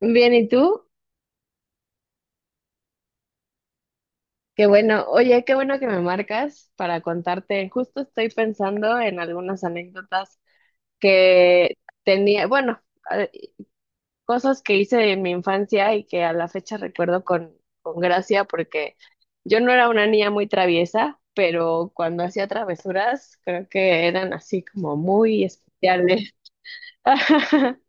Bien, ¿y tú? Qué bueno. Oye, qué bueno que me marcas para contarte. Justo estoy pensando en algunas anécdotas que tenía, bueno, a- cosas que hice en mi infancia y que a la fecha recuerdo con gracia porque yo no era una niña muy traviesa, pero cuando hacía travesuras creo que eran así como muy especiales.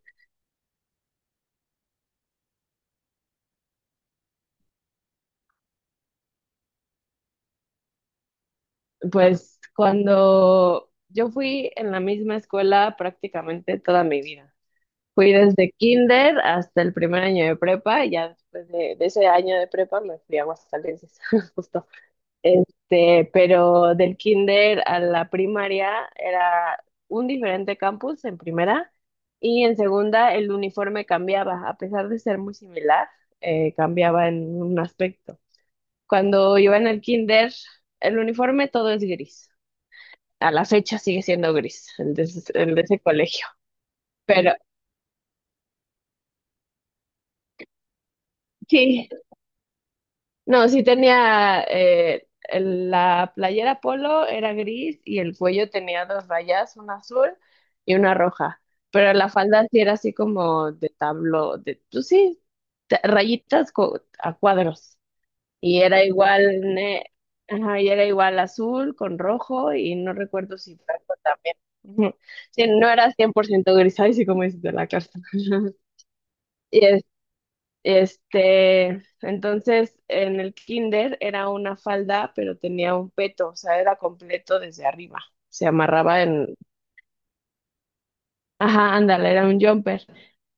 Pues cuando yo fui en la misma escuela prácticamente toda mi vida. Fui desde kinder hasta el primer año de prepa, y ya después de ese año de prepa me fui a Aguascalientes, justo. Pero del kinder a la primaria era un diferente campus en primera y en segunda el uniforme cambiaba, a pesar de ser muy similar, cambiaba en un aspecto. Cuando iba en el kinder, el uniforme todo es gris. A la fecha sigue siendo gris el de ese colegio. Pero sí, no, sí tenía la playera polo era gris y el cuello tenía dos rayas, una azul y una roja. Pero la falda sí era así como de tablo, de, pues sí, a cuadros. Y era igual, ajá, y era igual azul con rojo y no recuerdo si blanco también. Ujú. Sí, no era 100% gris, ay, sí, como dices de la carta. Y entonces en el kinder era una falda, pero tenía un peto, o sea, era completo desde arriba. Se amarraba en, ajá, ándale, era un jumper.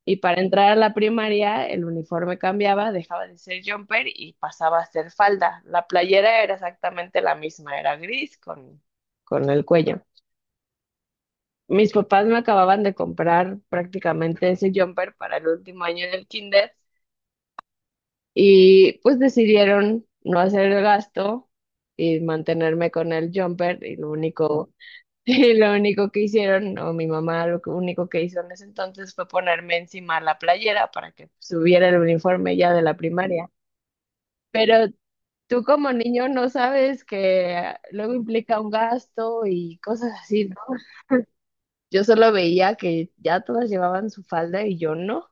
Y para entrar a la primaria, el uniforme cambiaba, dejaba de ser jumper y pasaba a ser falda. La playera era exactamente la misma, era gris con el cuello. Mis papás me acababan de comprar prácticamente ese jumper para el último año del kinder. Y pues decidieron no hacer el gasto y mantenerme con el jumper y lo único, y lo único que hicieron, o mi mamá único que hizo en ese entonces fue ponerme encima la playera para que subiera el uniforme ya de la primaria. Pero tú como niño no sabes que luego implica un gasto y cosas así, ¿no? Yo solo veía que ya todas llevaban su falda y yo no.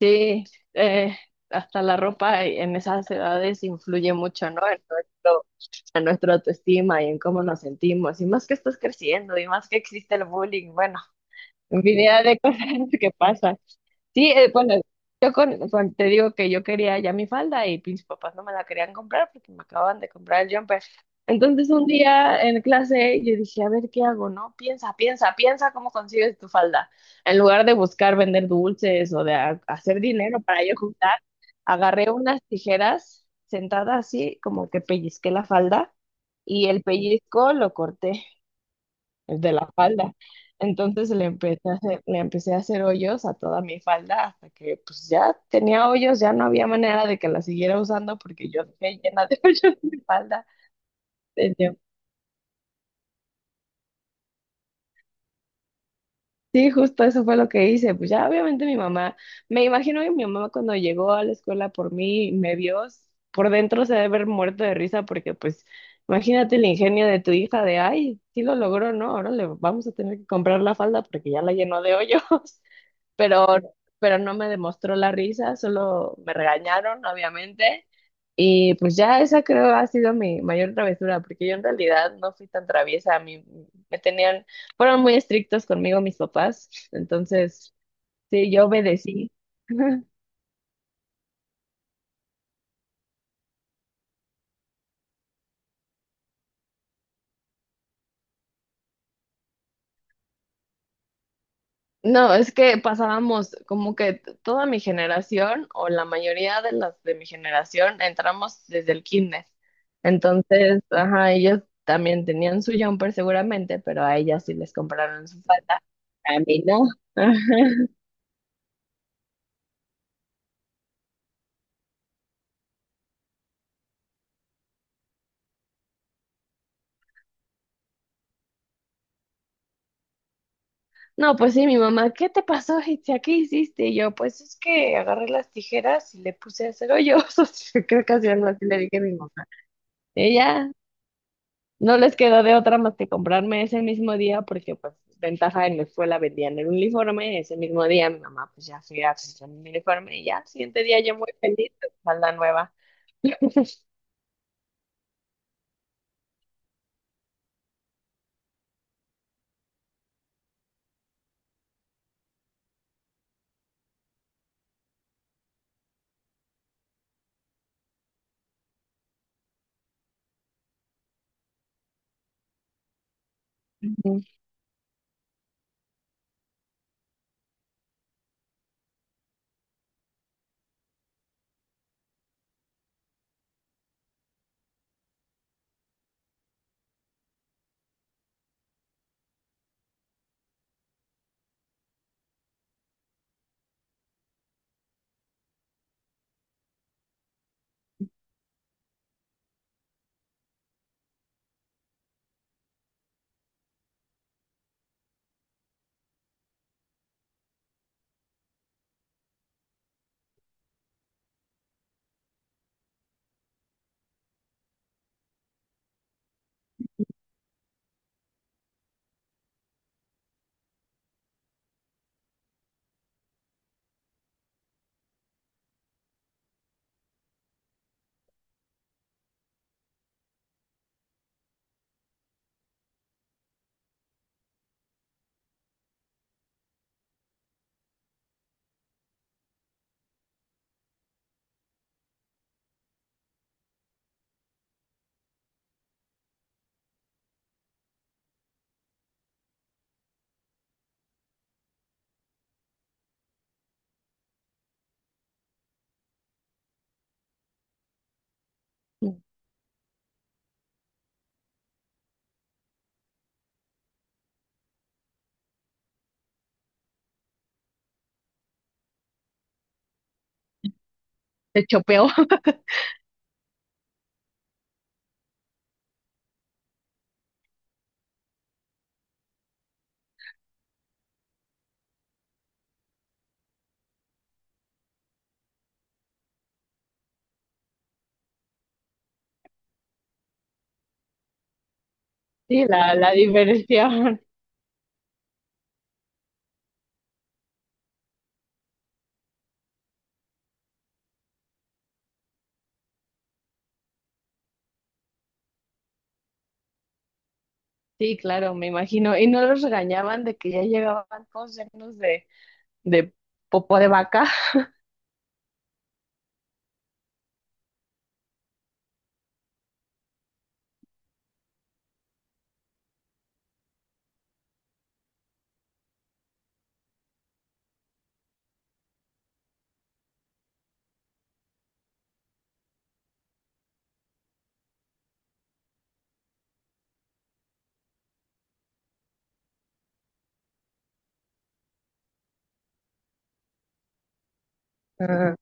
Sí, eh, hasta la ropa en esas edades influye mucho, ¿no? En nuestro, en nuestra autoestima y en cómo nos sentimos. Y más que estás creciendo y más que existe el bullying, bueno, infinidad de cosas que pasan. Sí, bueno, yo con, te digo que yo quería ya mi falda y mis papás no me la querían comprar porque me acababan de comprar el jumper. Entonces un día en clase yo dije, a ver, ¿qué hago, no? Piensa, piensa, piensa cómo consigues tu falda. En lugar de buscar vender dulces o de hacer dinero para yo juntar, agarré unas tijeras sentada así, como que pellizqué la falda y el pellizco lo corté el de la falda. Entonces le empecé a hacer hoyos a toda mi falda hasta que pues ya tenía hoyos, ya no había manera de que la siguiera usando porque yo dejé llena de hoyos mi falda. Sí, justo eso fue lo que hice. Pues ya obviamente mi mamá, me imagino que mi mamá cuando llegó a la escuela por mí, y me vio, por dentro se debe haber muerto de risa porque pues imagínate el ingenio de tu hija de, ay, sí lo logró, ¿no? Ahora le vamos a tener que comprar la falda porque ya la llenó de hoyos. Pero, pero no me demostró la risa, solo me regañaron, obviamente. Y pues ya esa creo ha sido mi mayor travesura, porque yo en realidad no fui tan traviesa. A mí me tenían, fueron muy estrictos conmigo mis papás, entonces sí, yo obedecí. No, es que pasábamos como que toda mi generación o la mayoría de las de mi generación entramos desde el kinder. Entonces, ajá, ellos también tenían su jumper seguramente, pero a ellas sí les compraron su falda. A mí no. No, pues sí, mi mamá, ¿qué te pasó, Itzia? ¿Qué hiciste? Y yo, pues es que agarré las tijeras y le puse a hacer hoyos. Creo que así algo así le dije a mi mamá. Ella no les quedó de otra más que comprarme ese mismo día, porque pues ventaja en la escuela vendían el uniforme. Ese mismo día mi mamá pues ya fui a hacer mi uniforme y ya, al siguiente día yo muy feliz, con falda nueva. Ujú. Se chopeó. Sí, la diversión. Sí, claro, me imagino. Y no los regañaban de que ya llegaban todos llenos de popó de vaca. Ajá.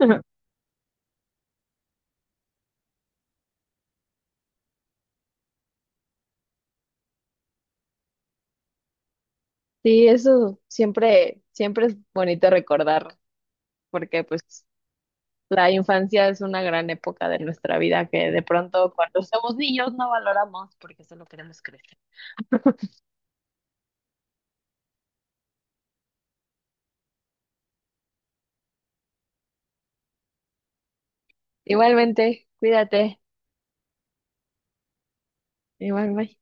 Sí, eso siempre, siempre es bonito recordar, porque pues la infancia es una gran época de nuestra vida que de pronto cuando somos niños no valoramos porque solo queremos crecer. Igualmente, cuídate. Igual, bye.